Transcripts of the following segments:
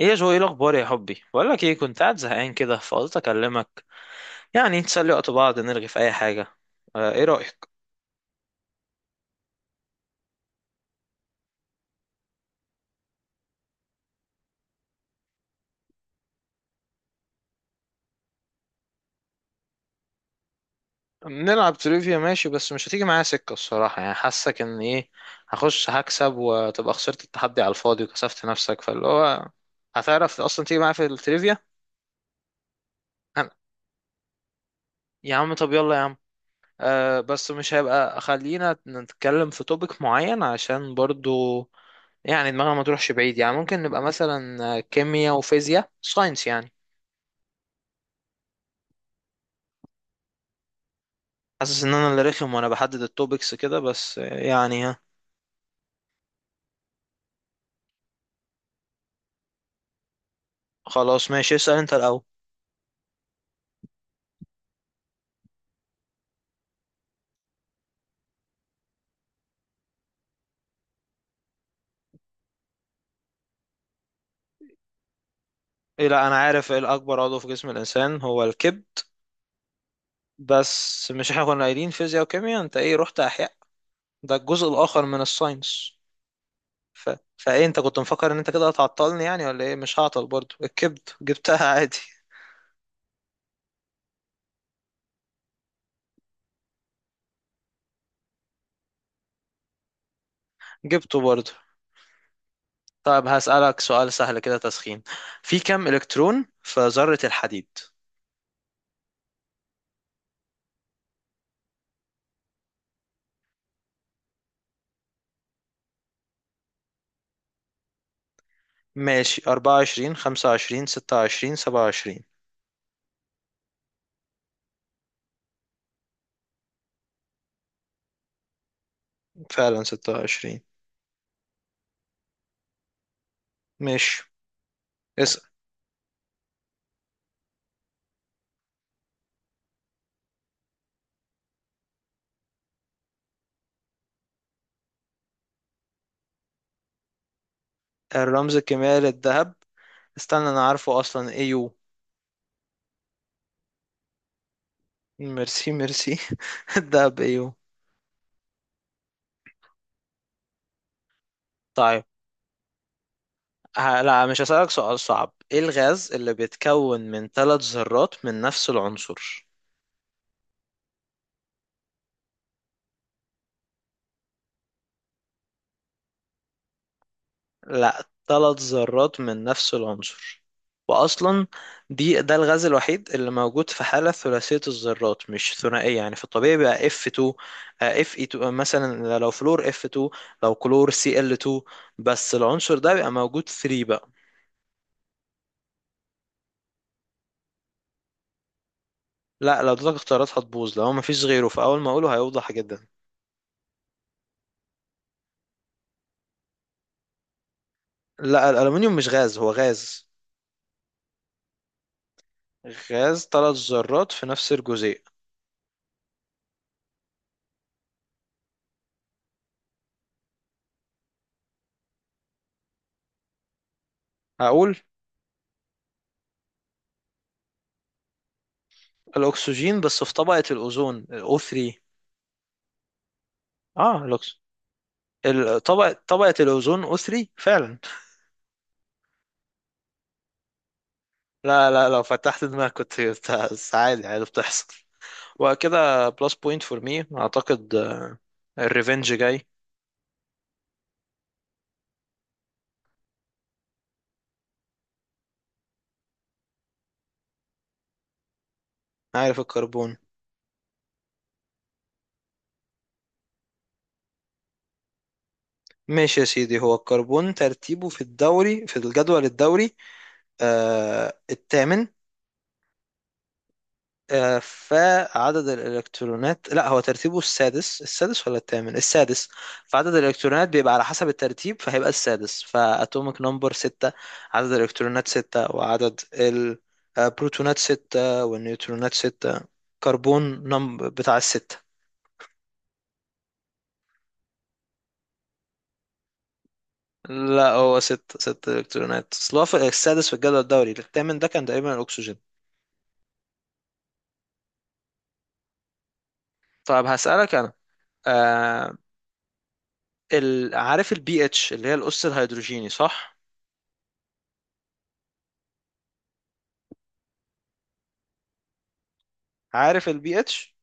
ايه يا جو، ايه الاخبار يا حبي؟ بقول لك ايه، كنت قاعد زهقان كده فقلت اكلمك يعني نسلي وقت بعض نرغي في اي حاجه. ايه رايك نلعب تريفيا؟ ماشي بس مش هتيجي معايا سكة الصراحة، يعني حاسك ان ايه هخش هكسب وتبقى خسرت التحدي على الفاضي وكسفت نفسك، فاللي هو هتعرف اصلا تيجي معايا في التريفيا؟ أنا. يا عم طب يلا يا عم. بس مش هيبقى، خلينا نتكلم في توبيك معين عشان برضو يعني دماغنا ما تروحش بعيد. يعني ممكن نبقى مثلا كيمياء وفيزياء، ساينس يعني. حاسس ان انا اللي رخم وانا بحدد التوبكس كده، بس يعني ها. خلاص ماشي، اسأل انت الاول. إيه؟ لا انا عارف إيه الاكبر عضو في جسم الانسان، هو الكبد. بس مش احنا كنا قايلين فيزياء وكيمياء؟ انت ايه رحت احياء؟ ده الجزء الاخر من الساينس. ف... فايه انت كنت مفكر ان انت كده هتعطلني يعني ولا ايه؟ مش هعطل، برضو الكبد جبتها عادي. جبته برضو. طيب هسألك سؤال سهل كده تسخين. في كم الكترون في ذرة الحديد؟ ماشي، 24 25 26 27. فعلا 26. ماشي اسأل. الرمز الكيميائي للذهب؟ استنى انا عارفه اصلا، ايو. ميرسي ميرسي. الذهب ايو. طيب لا مش هسألك سؤال صعب. ايه الغاز اللي بيتكون من ثلاث ذرات من نفس العنصر؟ لا، ثلاث ذرات من نفس العنصر. واصلا دي ده الغاز الوحيد اللي موجود في حاله ثلاثيه الذرات مش ثنائيه. يعني في الطبيعي بيبقى F2، Fe2 مثلا. لو فلور F2، لو كلور Cl2، بس العنصر ده بيبقى موجود 3 بقى. لا لو اديتك اختيارات هتبوظ، لو مفيش غيره فاول ما اقوله هيوضح جدا. لا الالومنيوم مش غاز، هو غاز. غاز ثلاث ذرات في نفس الجزيء. هقول الاكسجين، بس في طبقه الاوزون o 3. اه، طبقة الأوزون أثري فعلا. لا لا لو فتحت دماغك كنت بس عادي عادي بتحصل. وكده بلس بوينت فور مي أعتقد. الريفنج جاي. عارف الكربون. ماشي يا سيدي، هو الكربون ترتيبه في الدوري في الجدول الدوري الثامن. فعدد الإلكترونات، لا هو ترتيبه السادس. السادس ولا الثامن؟ السادس. فعدد الإلكترونات بيبقى على حسب الترتيب، فهيبقى السادس، فأتوميك نمبر ستة. عدد الإلكترونات ستة، وعدد البروتونات ستة، والنيوترونات ستة. كربون نم بتاع الستة. لا هو ستة، ستة إلكترونات، أصل هو في السادس في الجدول الدوري. الثامن ده كان تقريبا الأكسجين. طب هسألك أنا. آه عارف البي اتش اللي هي الأس الهيدروجيني صح؟ عارف البي اتش؟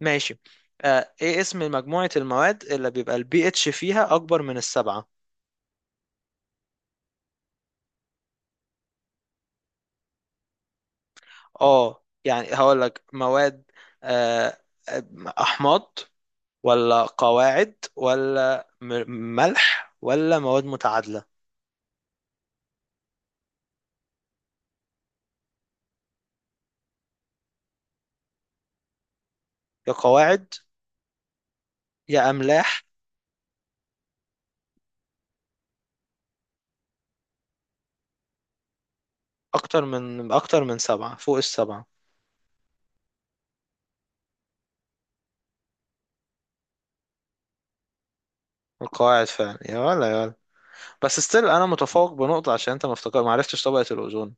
ماشي. ايه اسم مجموعة المواد اللي بيبقى البي اتش فيها اكبر من السبعة؟ اه، يعني هقول لك مواد آه احماض ولا قواعد ولا ملح ولا مواد متعادلة؟ يا قواعد يا املاح. اكتر من سبعة، فوق السبعة. القواعد فعلا، يا ولا يا ولا بس ستيل انا متفوق بنقطة عشان انت ما افتكر ما عرفتش طبقة الاوزون.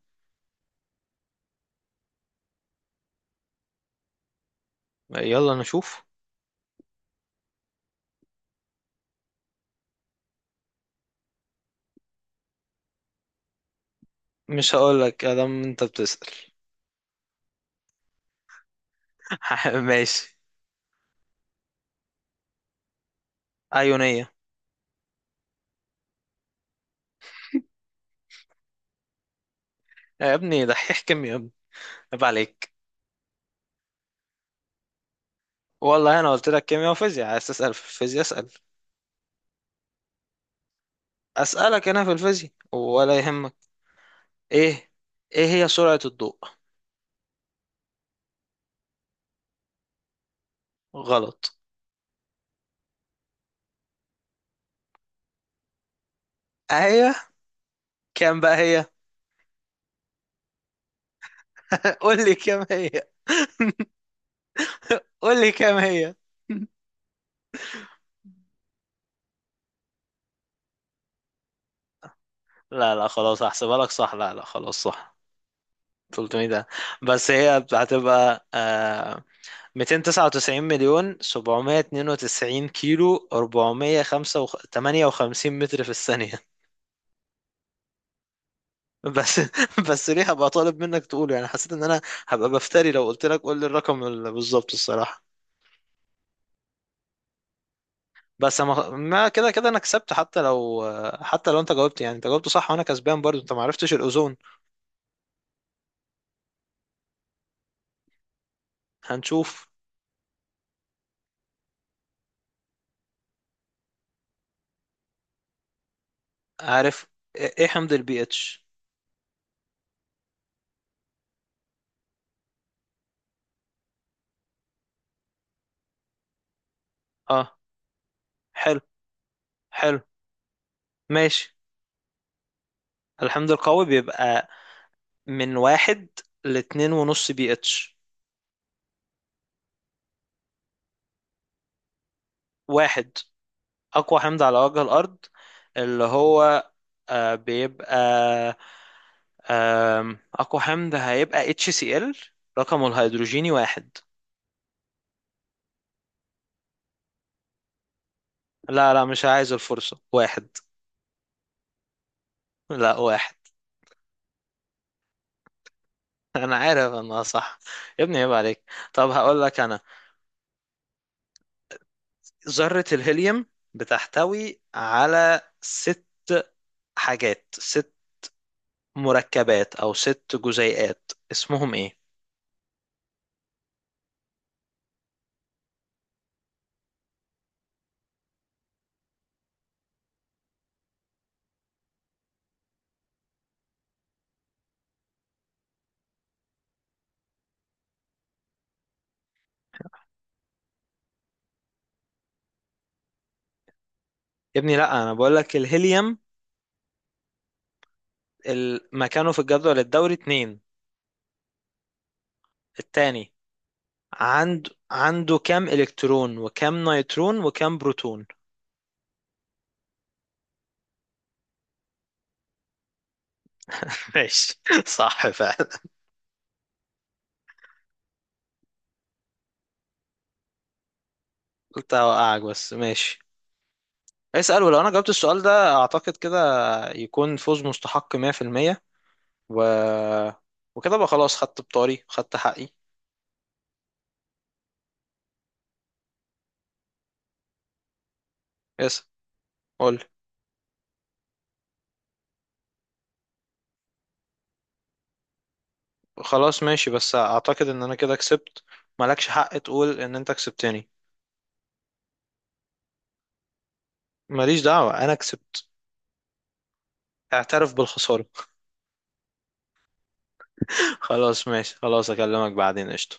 يلا نشوف. مش هقول لك ادام انت بتسأل. ماشي. أيونية. يا ابني دحيح كيمياء يا ابني، عيب عليك. والله انا قلت لك كيمياء وفيزياء، عايز تسأل في الفيزياء اسأل. اسألك انا في الفيزياء ولا يهمك؟ ايه؟ ايه هي سرعة الضوء؟ غلط. هي كام بقى هي؟ قول لي كام هي. قول لي كام هي. لا لا خلاص هحسبها لك صح، لا لا خلاص صح. 300 ده، بس هي هتبقى آه 299 مليون 792 كيلو 458 متر في الثانية. بس بس ليه هبقى طالب منك تقوله، يعني حسيت ان انا هبقى بفتري لو قلت لك قول لي الرقم بالظبط الصراحه. بس ما كده كده انا كسبت، حتى لو حتى لو انت جاوبت، يعني انت جاوبت صح وانا كسبان برضو، انت ما عرفتش الاوزون. هنشوف. عارف. ايه؟ إيه حمض البي اتش؟ اه حلو حلو. ماشي الحمض القوي بيبقى من واحد لاتنين ونص بي اتش. واحد، أقوى حمض على وجه الأرض، اللي هو بيبقى أقوى حمض هيبقى HCl، رقمه الهيدروجيني واحد. لا لا مش عايز الفرصة، واحد. لا واحد. أنا عارف أنا صح، يا ابني عيب عليك. طب هقول لك أنا، ذرة الهيليوم بتحتوي على ست حاجات، ست مركبات أو ست جزيئات، اسمهم إيه؟ يا ابني لا أنا بقول لك الهيليوم، مكانه في الجدول الدوري اتنين، التاني. عنده عنده كام إلكترون وكام نيوترون وكام بروتون؟ ماشي. صح فعلا. قلت هوقعك بس ماشي. اسأل، ولو أنا جاوبت السؤال ده أعتقد كده يكون فوز مستحق 100%. و... وكده بقى خلاص، خدت بطاري خدت حقي. اسأل. قول. خلاص ماشي بس أعتقد إن أنا كده كسبت، مالكش حق تقول إن أنت كسبتني. ماليش دعوة، أنا كسبت، اعترف بالخسارة. خلاص ماشي خلاص، أكلمك بعدين، قشطة.